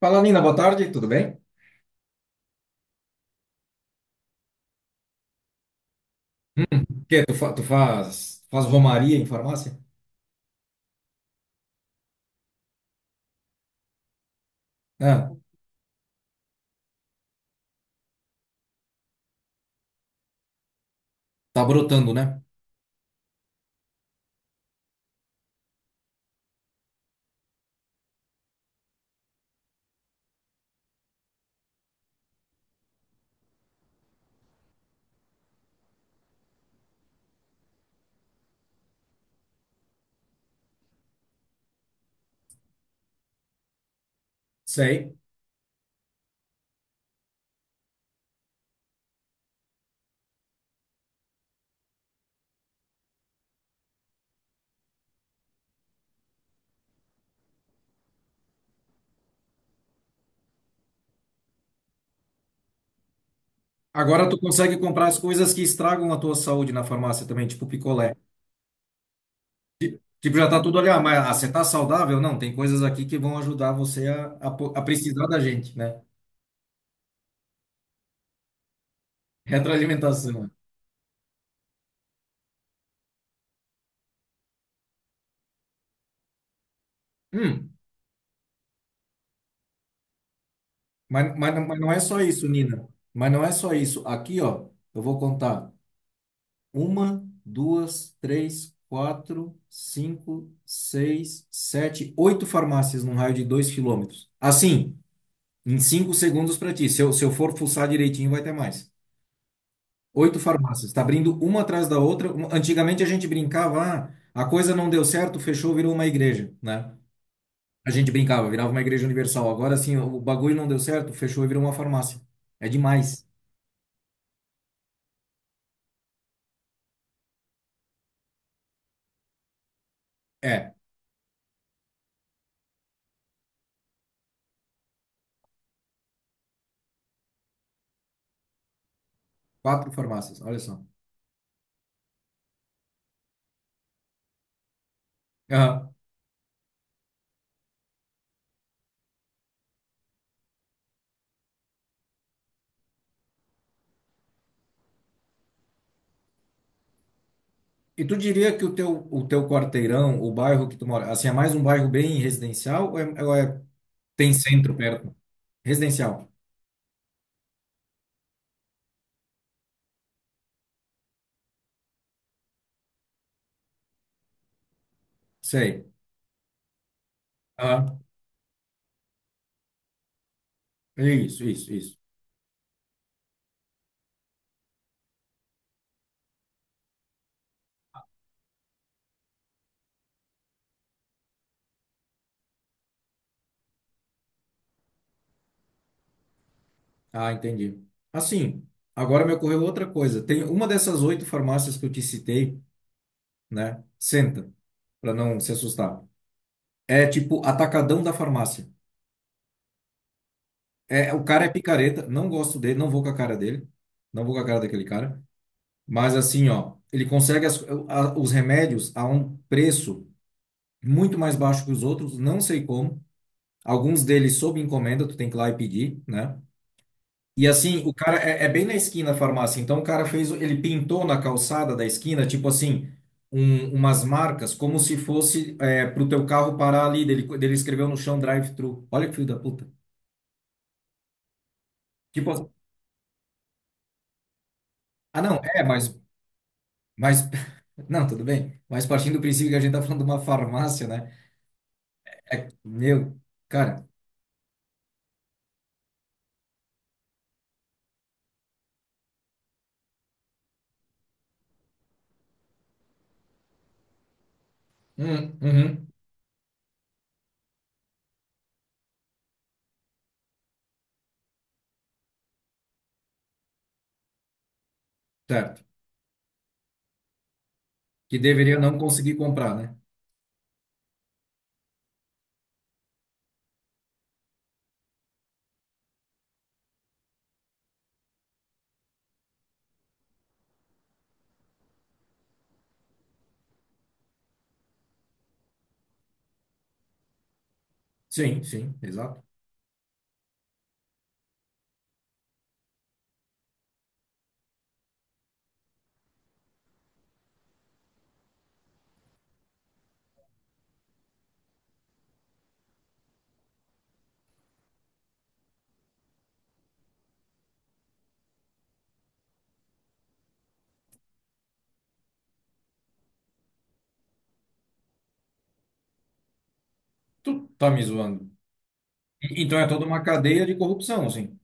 Fala, Nina, boa tarde, tudo bem? Hum, que tu, tu faz romaria em farmácia? Ah, tá brotando, né? Sei. Agora tu consegue comprar as coisas que estragam a tua saúde na farmácia também, tipo picolé. Tipo, já tá tudo ali, ah, mas ah, você tá saudável? Não, tem coisas aqui que vão ajudar você a precisar da gente, né? Retroalimentação. Hum, mas não é só isso, Nina. Mas não é só isso. Aqui, ó, eu vou contar. Uma, duas, três, quatro, cinco, seis, sete, oito farmácias num raio de 2 km. Assim, em cinco segundos para ti. Se eu for fuçar direitinho, vai ter mais. Oito farmácias. Está abrindo uma atrás da outra. Antigamente a gente brincava, ah, a coisa não deu certo, fechou, virou uma igreja, né? A gente brincava, virava uma igreja universal. Agora sim, o bagulho não deu certo, fechou e virou uma farmácia. É demais. É, quatro farmácias, olha só. E tu diria que o teu quarteirão, o bairro que tu mora, assim, é mais um bairro bem residencial ou é- tem centro perto? Residencial, sei. Ah, isso, isso, isso. Ah, entendi. Assim, agora me ocorreu outra coisa. Tem uma dessas oito farmácias que eu te citei, né? Senta, para não se assustar. É tipo atacadão da farmácia. É, o cara é picareta, não gosto dele, não vou com a cara dele, não vou com a cara daquele cara. Mas assim, ó, ele consegue os remédios a um preço muito mais baixo que os outros, não sei como. Alguns deles sob encomenda, tu tem que ir lá e pedir, né? E assim, é bem na esquina a farmácia. Então o cara fez, ele pintou na calçada da esquina, tipo assim, umas marcas, como se fosse é, pro teu carro parar ali. Dele escreveu no chão drive-thru. Olha que filho da puta. Tipo, assim, ah não, mas, não, tudo bem. Mas partindo do princípio que a gente tá falando de uma farmácia, né? É, meu, cara, uhum, certo. Que deveria não conseguir comprar, né? Sim, sim, exato. Tu tá me zoando. Então é toda uma cadeia de corrupção, assim.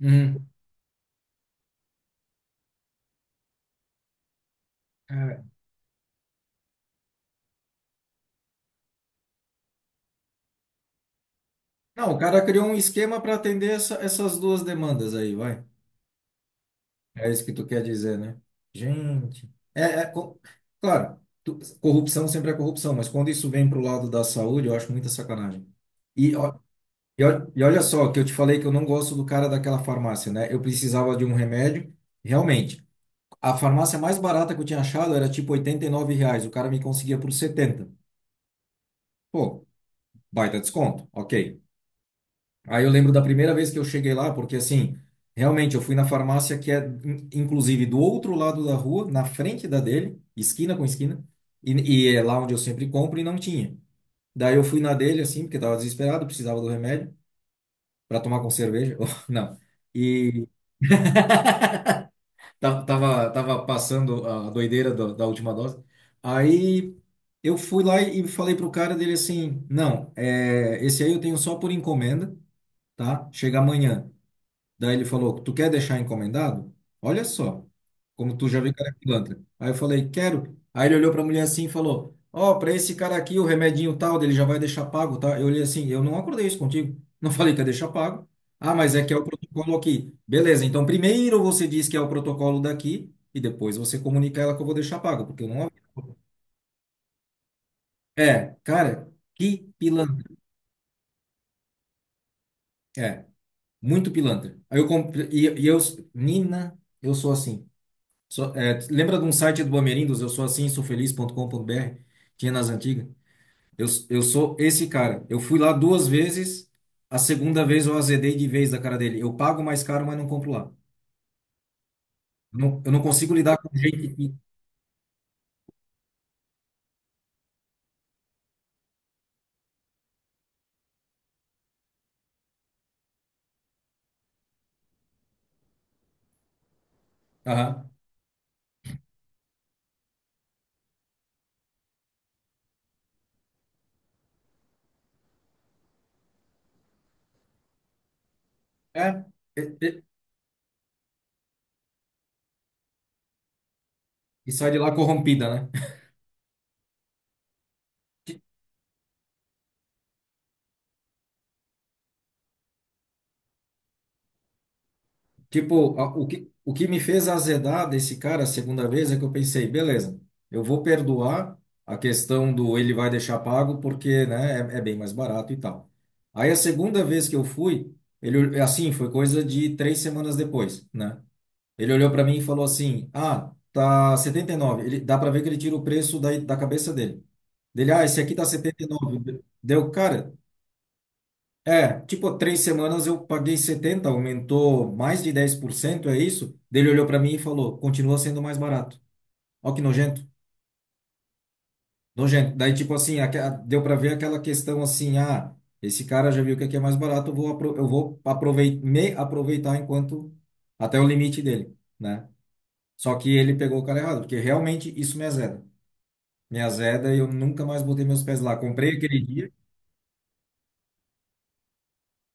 Uhum. É. Não, o cara criou um esquema para atender essas duas demandas aí, vai. É isso que tu quer dizer, né? Gente. Claro, corrupção sempre é corrupção, mas quando isso vem pro lado da saúde, eu acho muita sacanagem. E, ó- e olha só, que eu te falei que eu não gosto do cara daquela farmácia, né? Eu precisava de um remédio, realmente. A farmácia mais barata que eu tinha achado era tipo R$ 89. O cara me conseguia por 70. Pô, baita desconto. Ok. Aí eu lembro da primeira vez que eu cheguei lá, porque assim, realmente eu fui na farmácia que é, inclusive, do outro lado da rua, na frente da dele, esquina com esquina, e, e é lá onde eu sempre compro e não tinha. Daí eu fui na dele, assim, porque tava desesperado, precisava do remédio para tomar com cerveja. Não. Tava passando a doideira da última dose. Aí eu fui lá e falei pro cara dele assim: não, é, esse aí eu tenho só por encomenda, tá? Chega amanhã. Daí ele falou: tu quer deixar encomendado? Olha só, como tu já viu cara pilantra. Aí eu falei: quero. Aí ele olhou para a mulher assim e falou: ó, para esse cara aqui, o remedinho tal, dele já vai deixar pago, tá? Eu olhei assim: eu não acordei isso contigo. Não falei que ia deixar pago. Ah, mas é que é o protocolo aqui. Beleza, então primeiro você diz que é o protocolo daqui e depois você comunica a ela que eu vou deixar pago, porque eu não. É, cara, que pilantra. É, muito pilantra. Aí eu comprei, Nina, eu sou assim. Lembra de um site do Bamerindos? Eu sou assim, sou feliz.com.br? Tinha nas antigas. Eu sou esse cara. Eu fui lá duas vezes, a segunda vez eu azedei de vez da cara dele. Eu pago mais caro, mas não compro lá. Eu não consigo lidar com gente que. Aham. É, e, e- e sai de lá corrompida, né? Tipo, o que me fez azedar desse cara a segunda vez é que eu pensei, beleza, eu vou perdoar a questão do ele vai deixar pago porque, né, é bem mais barato e tal. Aí a segunda vez que eu fui, ele, assim, foi coisa de três semanas depois, né? Ele olhou para mim e falou assim, ah, tá 79. Ele, dá para ver que ele tira o preço da cabeça dele. Dele, ah, esse aqui tá 79. Deu, cara, é, tipo, três semanas eu paguei 70, aumentou mais de 10%, é isso? Daí ele olhou para mim e falou, continua sendo mais barato. Ó que nojento, nojento. Daí, tipo assim, deu para ver aquela questão assim, ah, esse cara já viu que aqui é mais barato, eu vou, apro- eu vou aprovei- me aproveitar enquanto, até o limite dele, né? Só que ele pegou o cara errado, porque realmente isso me azeda. Me azeda e eu nunca mais botei meus pés lá. Comprei aquele dia,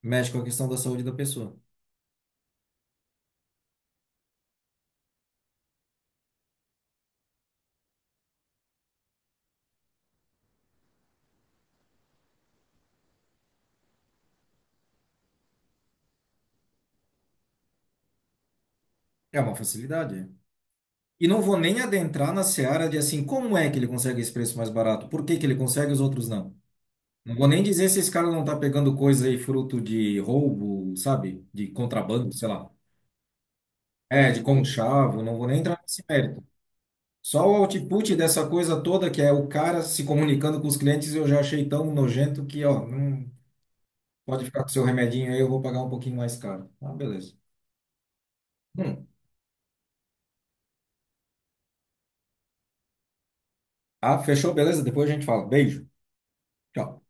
mexe com a questão da saúde da pessoa. É uma facilidade. É. E não vou nem adentrar na seara de assim, como é que ele consegue esse preço mais barato? Por que que ele consegue e os outros não? Não vou nem dizer se esse cara não tá pegando coisa aí fruto de roubo, sabe? De contrabando, sei lá. É, de conchavo, não vou nem entrar nesse mérito. Só o output dessa coisa toda, que é o cara se comunicando com os clientes, eu já achei tão nojento que, ó, não pode ficar com seu remedinho aí, eu vou pagar um pouquinho mais caro. Ah, beleza. Hum. Ah, fechou, beleza? Depois a gente fala. Beijo. Tchau.